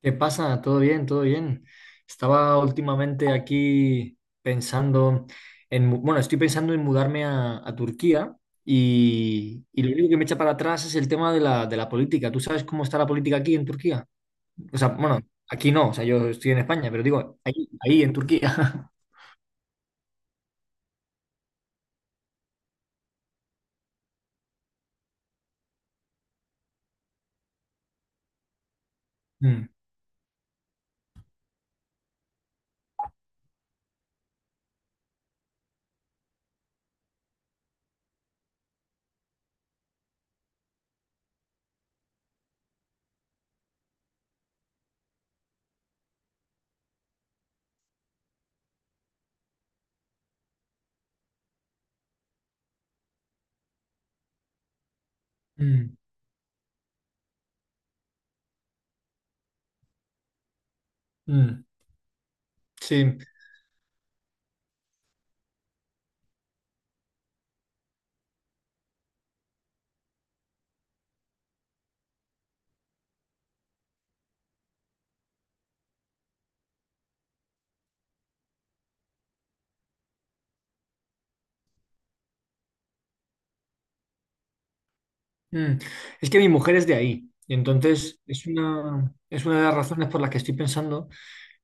¿Qué pasa? ¿Todo bien? ¿¿Todo bien? Estaba últimamente aquí pensando en, estoy pensando en mudarme a Turquía y lo único que me echa para atrás es el tema de la política. ¿Tú sabes cómo está la política aquí en Turquía? O sea, bueno, aquí no, o sea, yo estoy en España, pero digo, ahí en Turquía. Mm, mm, mm, sí. Mm. Es que mi mujer es de ahí y entonces es una de las razones por las que estoy pensando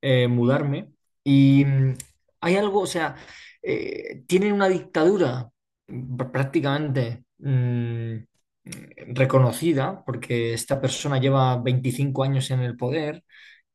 mudarme. Y hay algo, o sea, tienen una dictadura, prácticamente reconocida, porque esta persona lleva 25 años en el poder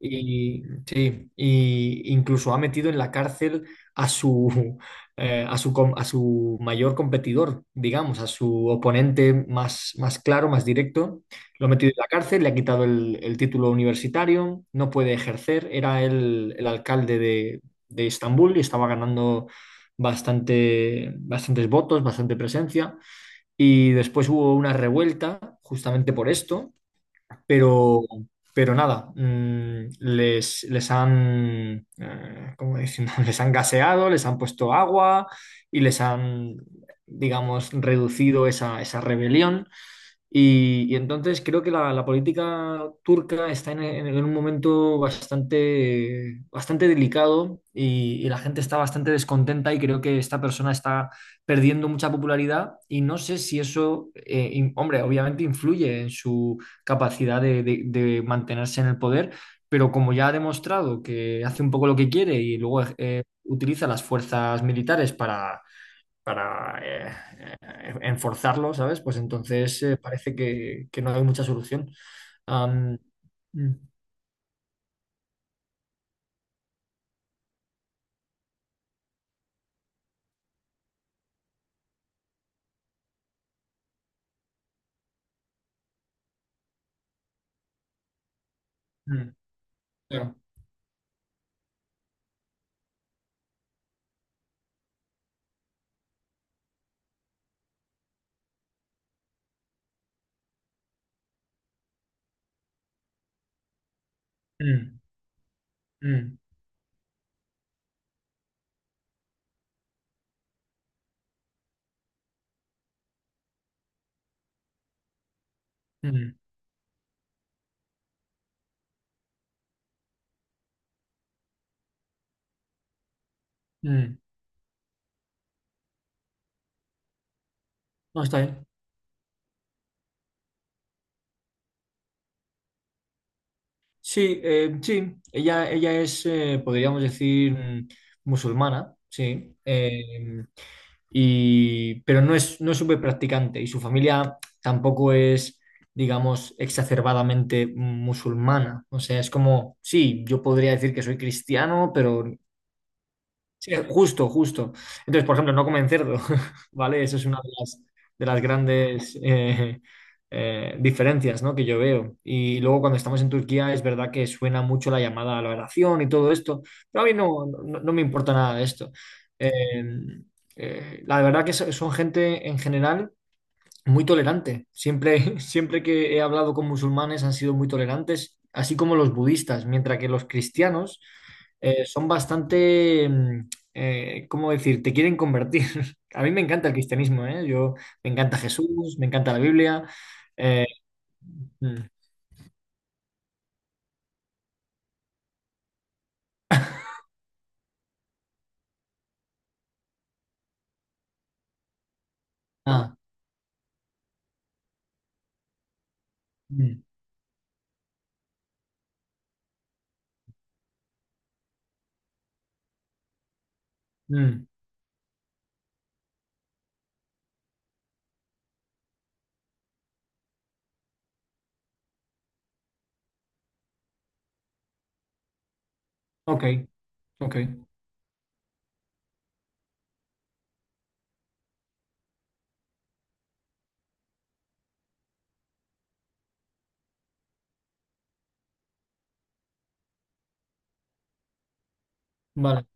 y, sí, y incluso ha metido en la cárcel a su, a su mayor competidor, digamos, a su oponente más, más claro, más directo. Lo ha metido en la cárcel, le ha quitado el título universitario, no puede ejercer. Era el alcalde de Estambul y estaba ganando bastante, bastantes votos, bastante presencia. Y después hubo una revuelta justamente por esto, pero, pero nada, ¿cómo decir? Les han gaseado, les han puesto agua y digamos, reducido esa rebelión. Y entonces creo que la política turca está en un momento bastante, bastante delicado y la gente está bastante descontenta y creo que esta persona está perdiendo mucha popularidad y no sé si eso, hombre, obviamente influye en su capacidad de mantenerse en el poder, pero como ya ha demostrado que hace un poco lo que quiere y luego utiliza las fuerzas militares para enforzarlo, ¿sabes? Pues entonces parece que no hay mucha solución. Am, mm, mm, claro. Mm, mm, mm, mm. Mm. No, está bien. Sí, sí, ella es, podríamos decir, musulmana, sí, y, pero no es, no es súper practicante y su familia tampoco es, digamos, exacerbadamente musulmana. O sea, es como, sí, yo podría decir que soy cristiano, pero sí, justo, justo. Entonces, por ejemplo, no comen cerdo, ¿vale? Eso es una de las grandes diferencias, ¿no? Que yo veo. Y luego cuando estamos en Turquía es verdad que suena mucho la llamada a la oración y todo esto, pero a mí no, no, no me importa nada de esto. Eh, la verdad que son gente en general muy tolerante. Siempre, siempre que he hablado con musulmanes han sido muy tolerantes, así como los budistas, mientras que los cristianos son bastante, ¿cómo decir? Te quieren convertir. A mí me encanta el cristianismo, ¿eh? Yo, me encanta Jesús, me encanta la Biblia. eh, mm, ah, mm, mm, ok, ok, vale.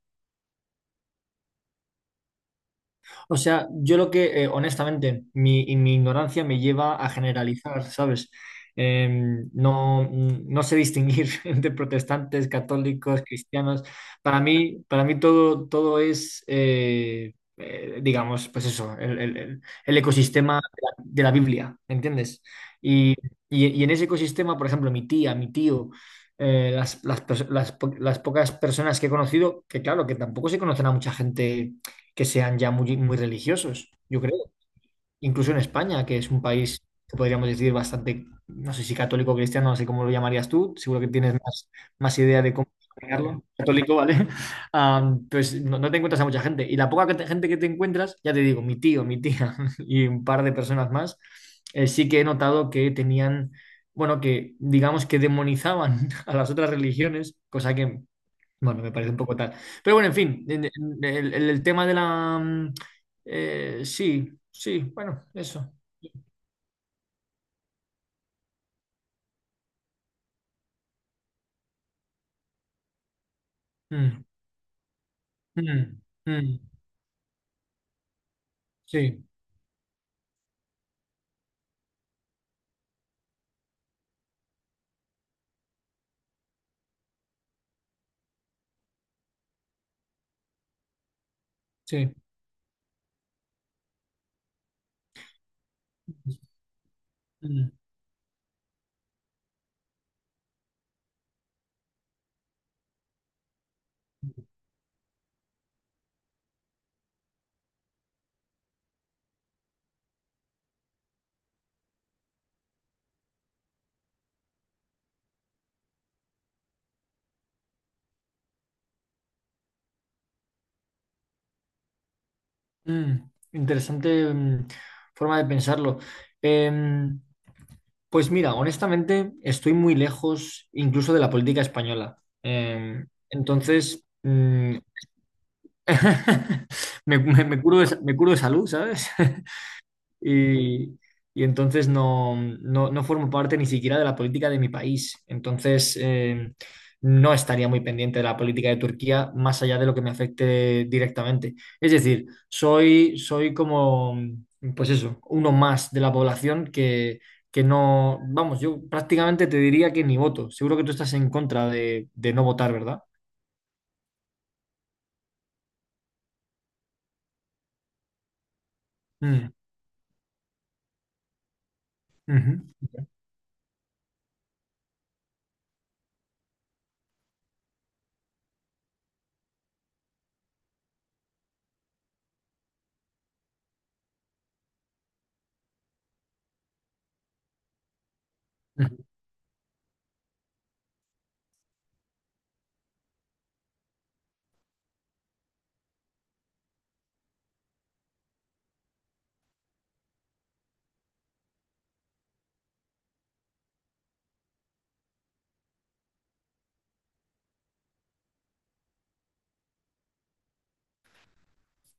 O sea, yo lo que, honestamente, mi ignorancia me lleva a generalizar, ¿sabes? Eh, no, no sé distinguir entre protestantes, católicos, cristianos. Para mí todo, todo es, digamos, pues eso, el ecosistema de la Biblia, ¿entiendes? Y, y en ese ecosistema, por ejemplo, mi tía, mi tío, las, las pocas personas que he conocido, que claro, que tampoco se conocen a mucha gente que sean ya muy, muy religiosos, yo creo. Incluso en España, que es un país que podríamos decir bastante, no sé si católico o cristiano, no sé cómo lo llamarías tú, seguro que tienes más, más idea de cómo llamarlo, católico, ¿vale? Ah, pues no, no te encuentras a mucha gente. Y la poca gente que te encuentras, ya te digo, mi tío, mi tía y un par de personas más, sí que he notado que tenían, bueno, que digamos que demonizaban a las otras religiones, cosa que bueno, me parece un poco tal. Pero bueno, en fin, el, el tema de la... sí, sí, bueno, eso. Mm, mm, mm, sí, sí. Mm, mm. Interesante, forma de pensarlo. Em, pues mira, honestamente estoy muy lejos incluso de la política española. Entonces, me curo de, me curo de salud, ¿sabes? y, y entonces no, no, no formo parte ni siquiera de la política de mi país. Entonces, no estaría muy pendiente de la política de Turquía más allá de lo que me afecte directamente. Es decir, soy, soy como, pues eso, uno más de la población que no, vamos, yo prácticamente te diría que ni voto. Seguro que tú estás en contra de no votar, ¿verdad? Mm, ujú, ujú.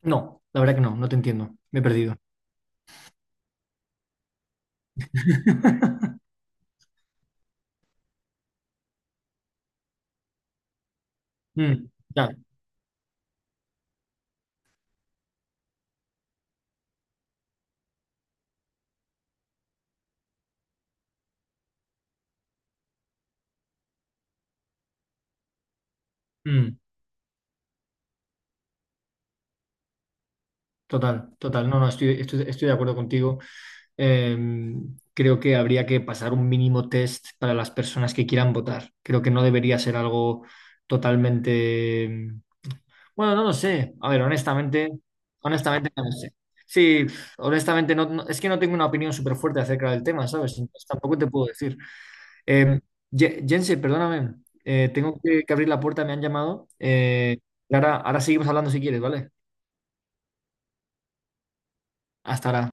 No, la verdad que no, no te entiendo. Me he perdido. Mm, claro. Mm. Total, total. No, no, estoy, estoy, estoy de acuerdo contigo. Eh, Creo que habría que pasar un mínimo test para las personas que quieran votar. Creo que no debería ser algo totalmente... Bueno, no lo sé. A ver, honestamente, honestamente no lo sé. Sí, honestamente, no, es que no tengo una opinión súper fuerte acerca del tema, ¿sabes? Entonces, tampoco te puedo decir. Eh, Ye- Jense, perdóname. Tengo que abrir la puerta, me han llamado. Clara, ahora seguimos hablando si quieres, ¿vale? Hasta ahora.